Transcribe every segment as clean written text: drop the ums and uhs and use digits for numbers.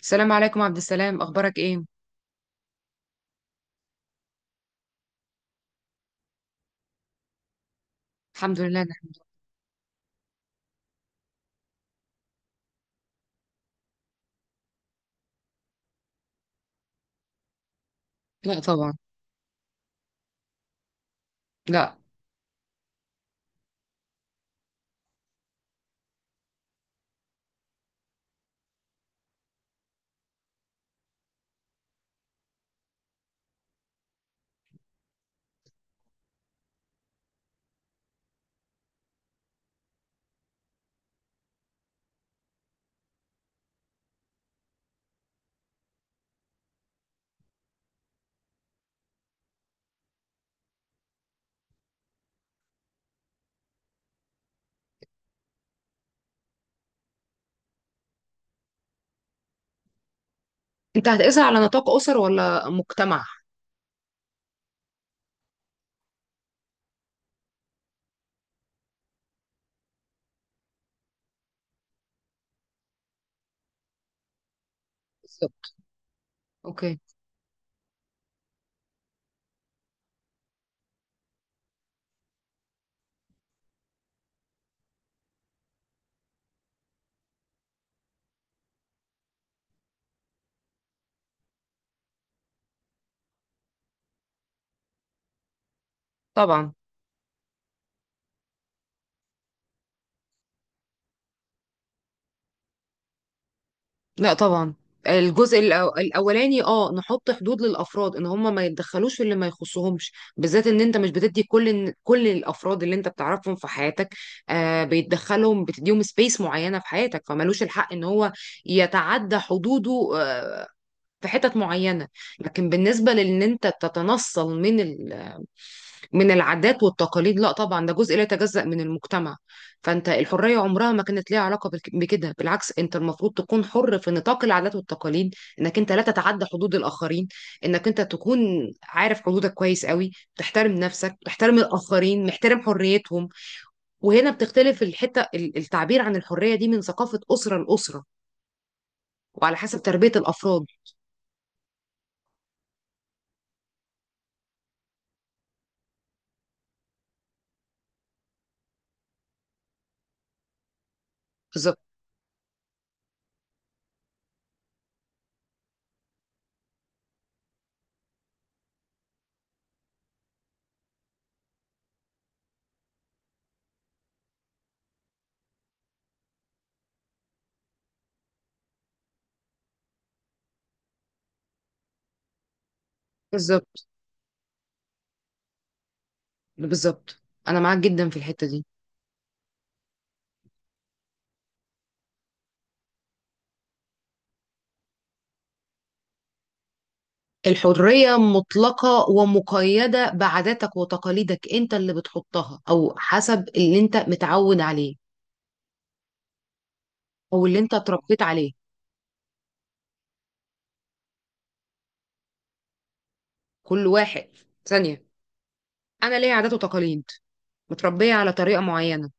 السلام عليكم عبد السلام، اخبارك ايه؟ الحمد لله، نعم. لا طبعا، لا. انت هتقيسها على نطاق اسر ولا مجتمع؟ بالظبط. اوكي. طبعا، لا طبعا. الجزء الاولاني، نحط حدود للافراد ان هم ما يتدخلوش في اللي ما يخصهمش، بالذات ان انت مش بتدي كل كل الافراد اللي انت بتعرفهم في حياتك، بيتدخلهم، بتديهم سبيس معينه في حياتك، فمالوش الحق ان هو يتعدى حدوده، في حتت معينه. لكن بالنسبه لان انت تتنصل من من العادات والتقاليد، لا طبعا، ده جزء لا يتجزأ من المجتمع. فانت الحرية عمرها ما كانت ليها علاقة بكده، بالعكس، انت المفروض تكون حر في نطاق العادات والتقاليد، انك انت لا تتعدى حدود الآخرين، انك انت تكون عارف حدودك كويس قوي، تحترم نفسك، تحترم الآخرين، محترم حريتهم. وهنا بتختلف الحتة، التعبير عن الحرية دي من ثقافة أسرة لأسرة، وعلى حسب تربية الأفراد. بالظبط. بالظبط. بالظبط. أنا معاك جدا في الحتة دي. الحرية مطلقة ومقيدة بعاداتك وتقاليدك، انت اللي بتحطها او حسب اللي انت متعود عليه او اللي انت اتربيت عليه. كل واحد، ثانية. انا ليا عادات وتقاليد، متربية على طريقة معينة،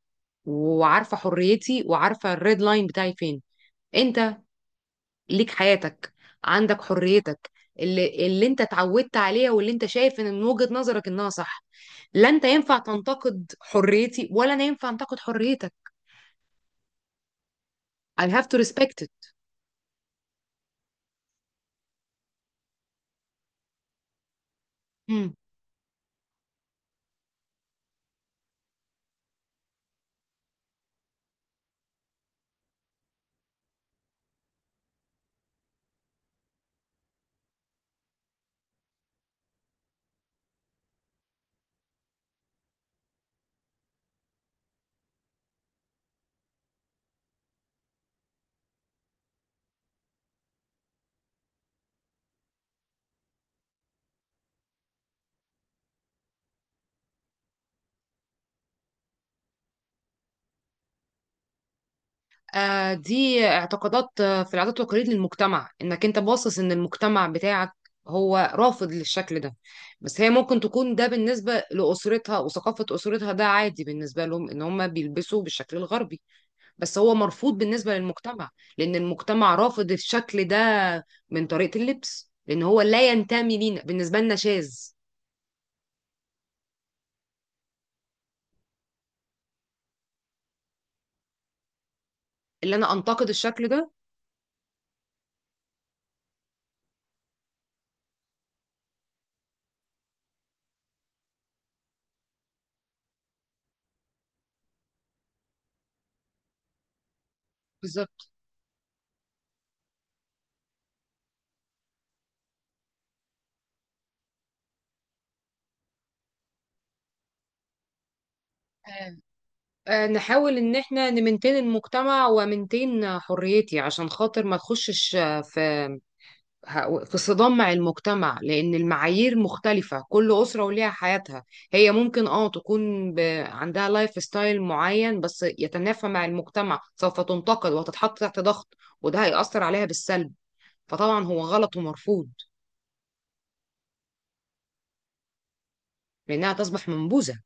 وعارفة حريتي وعارفة الريد لاين بتاعي فين. انت ليك حياتك، عندك حريتك اللي انت اتعودت عليها واللي انت شايف ان من وجهة نظرك انها صح. لا انت ينفع تنتقد حريتي، ولا انا ينفع انتقد حريتك. I have to respect it. دي اعتقادات، في العادات والتقاليد للمجتمع، انك انت باصص ان المجتمع بتاعك هو رافض للشكل ده. بس هي ممكن تكون ده بالنسبة لأسرتها وثقافة أسرتها، ده عادي بالنسبة لهم ان هم بيلبسوا بالشكل الغربي، بس هو مرفوض بالنسبة للمجتمع. لأن المجتمع رافض الشكل ده، من طريقة اللبس، لأن هو لا ينتمي لينا، بالنسبة لنا شاذ. اللي أنا أنتقد الشكل ده. بالظبط. نحاول ان احنا نمنتين المجتمع ومنتين حريتي عشان خاطر ما تخشش في في صدام مع المجتمع، لان المعايير مختلفة، كل اسرة وليها حياتها. هي ممكن تكون عندها لايف ستايل معين، بس يتنافى مع المجتمع، سوف تنتقد وهتتحط تحت ضغط، وده هيأثر عليها بالسلب. فطبعا هو غلط ومرفوض، لانها تصبح منبوذة.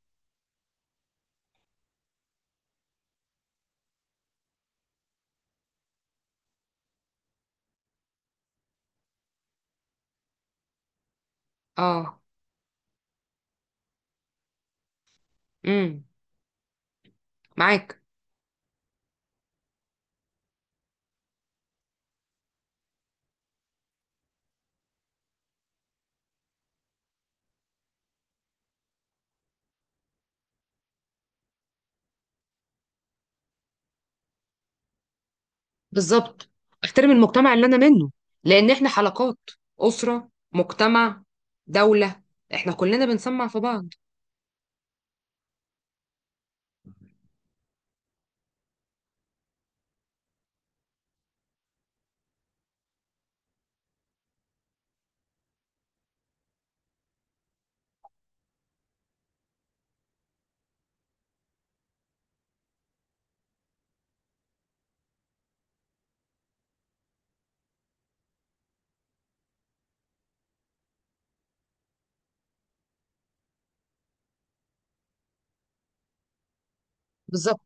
اه. امم. معاك. بالظبط، احترم المجتمع اللي انا منه. لان احنا حلقات، اسره، مجتمع، دوله، احنا كلنا بنسمع في بعض. بالظبط.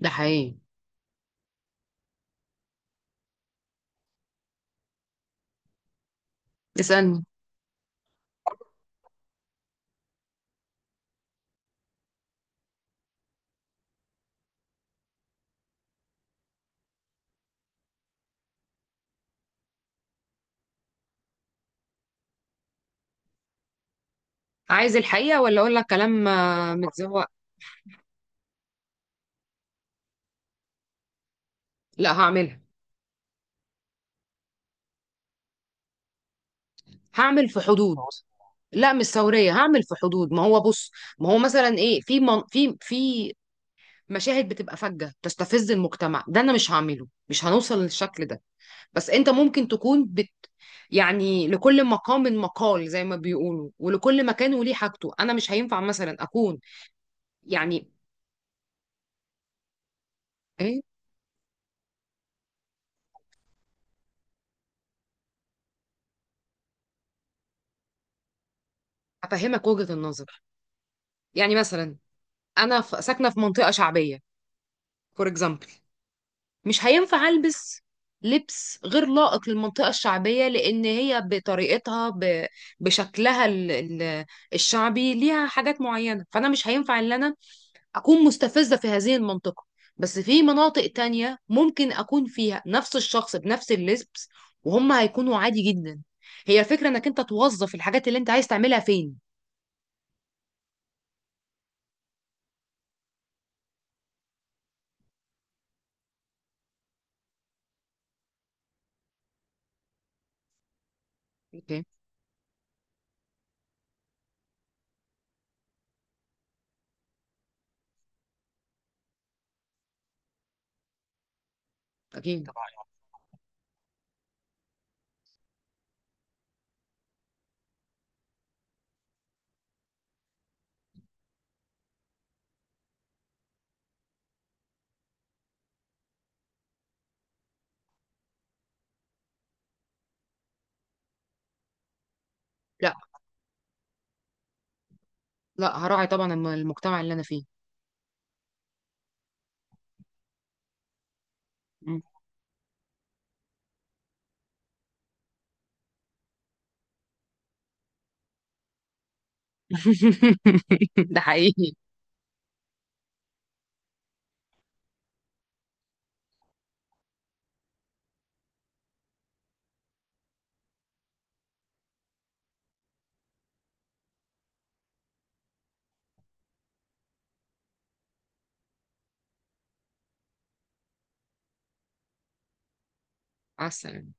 ده حقيقي. اسالني. عايز الحقيقه ولا اقول لك كلام متزوق؟ لا، هعملها. هعمل في حدود. لا، مش ثوريه، هعمل في حدود. ما هو بص، ما هو مثلا ايه، في مشاهد بتبقى فجه تستفز المجتمع، ده انا مش هعمله، مش هنوصل للشكل ده. بس انت ممكن تكون يعني لكل مقام مقال زي ما بيقولوا، ولكل مكان وليه حاجته. انا مش هينفع مثلا اكون، يعني ايه. افهمك وجهة النظر. يعني مثلا، انا ساكنة في منطقة شعبية، فور اكزامبل، مش هينفع البس لبس غير لائق للمنطقة الشعبية، لأن هي بشكلها الشعبي ليها حاجات معينة. فأنا مش هينفع إن أنا أكون مستفزة في هذه المنطقة. بس في مناطق تانية ممكن أكون فيها نفس الشخص بنفس اللبس وهم هيكونوا عادي جدا. هي الفكرة إنك أنت توظف الحاجات اللي أنت عايز تعملها فين. أوكي. أكيد طبعا. لا، لا هراعي طبعا المجتمع اللي أنا فيه. مم. ده حقيقي. مع السلامة.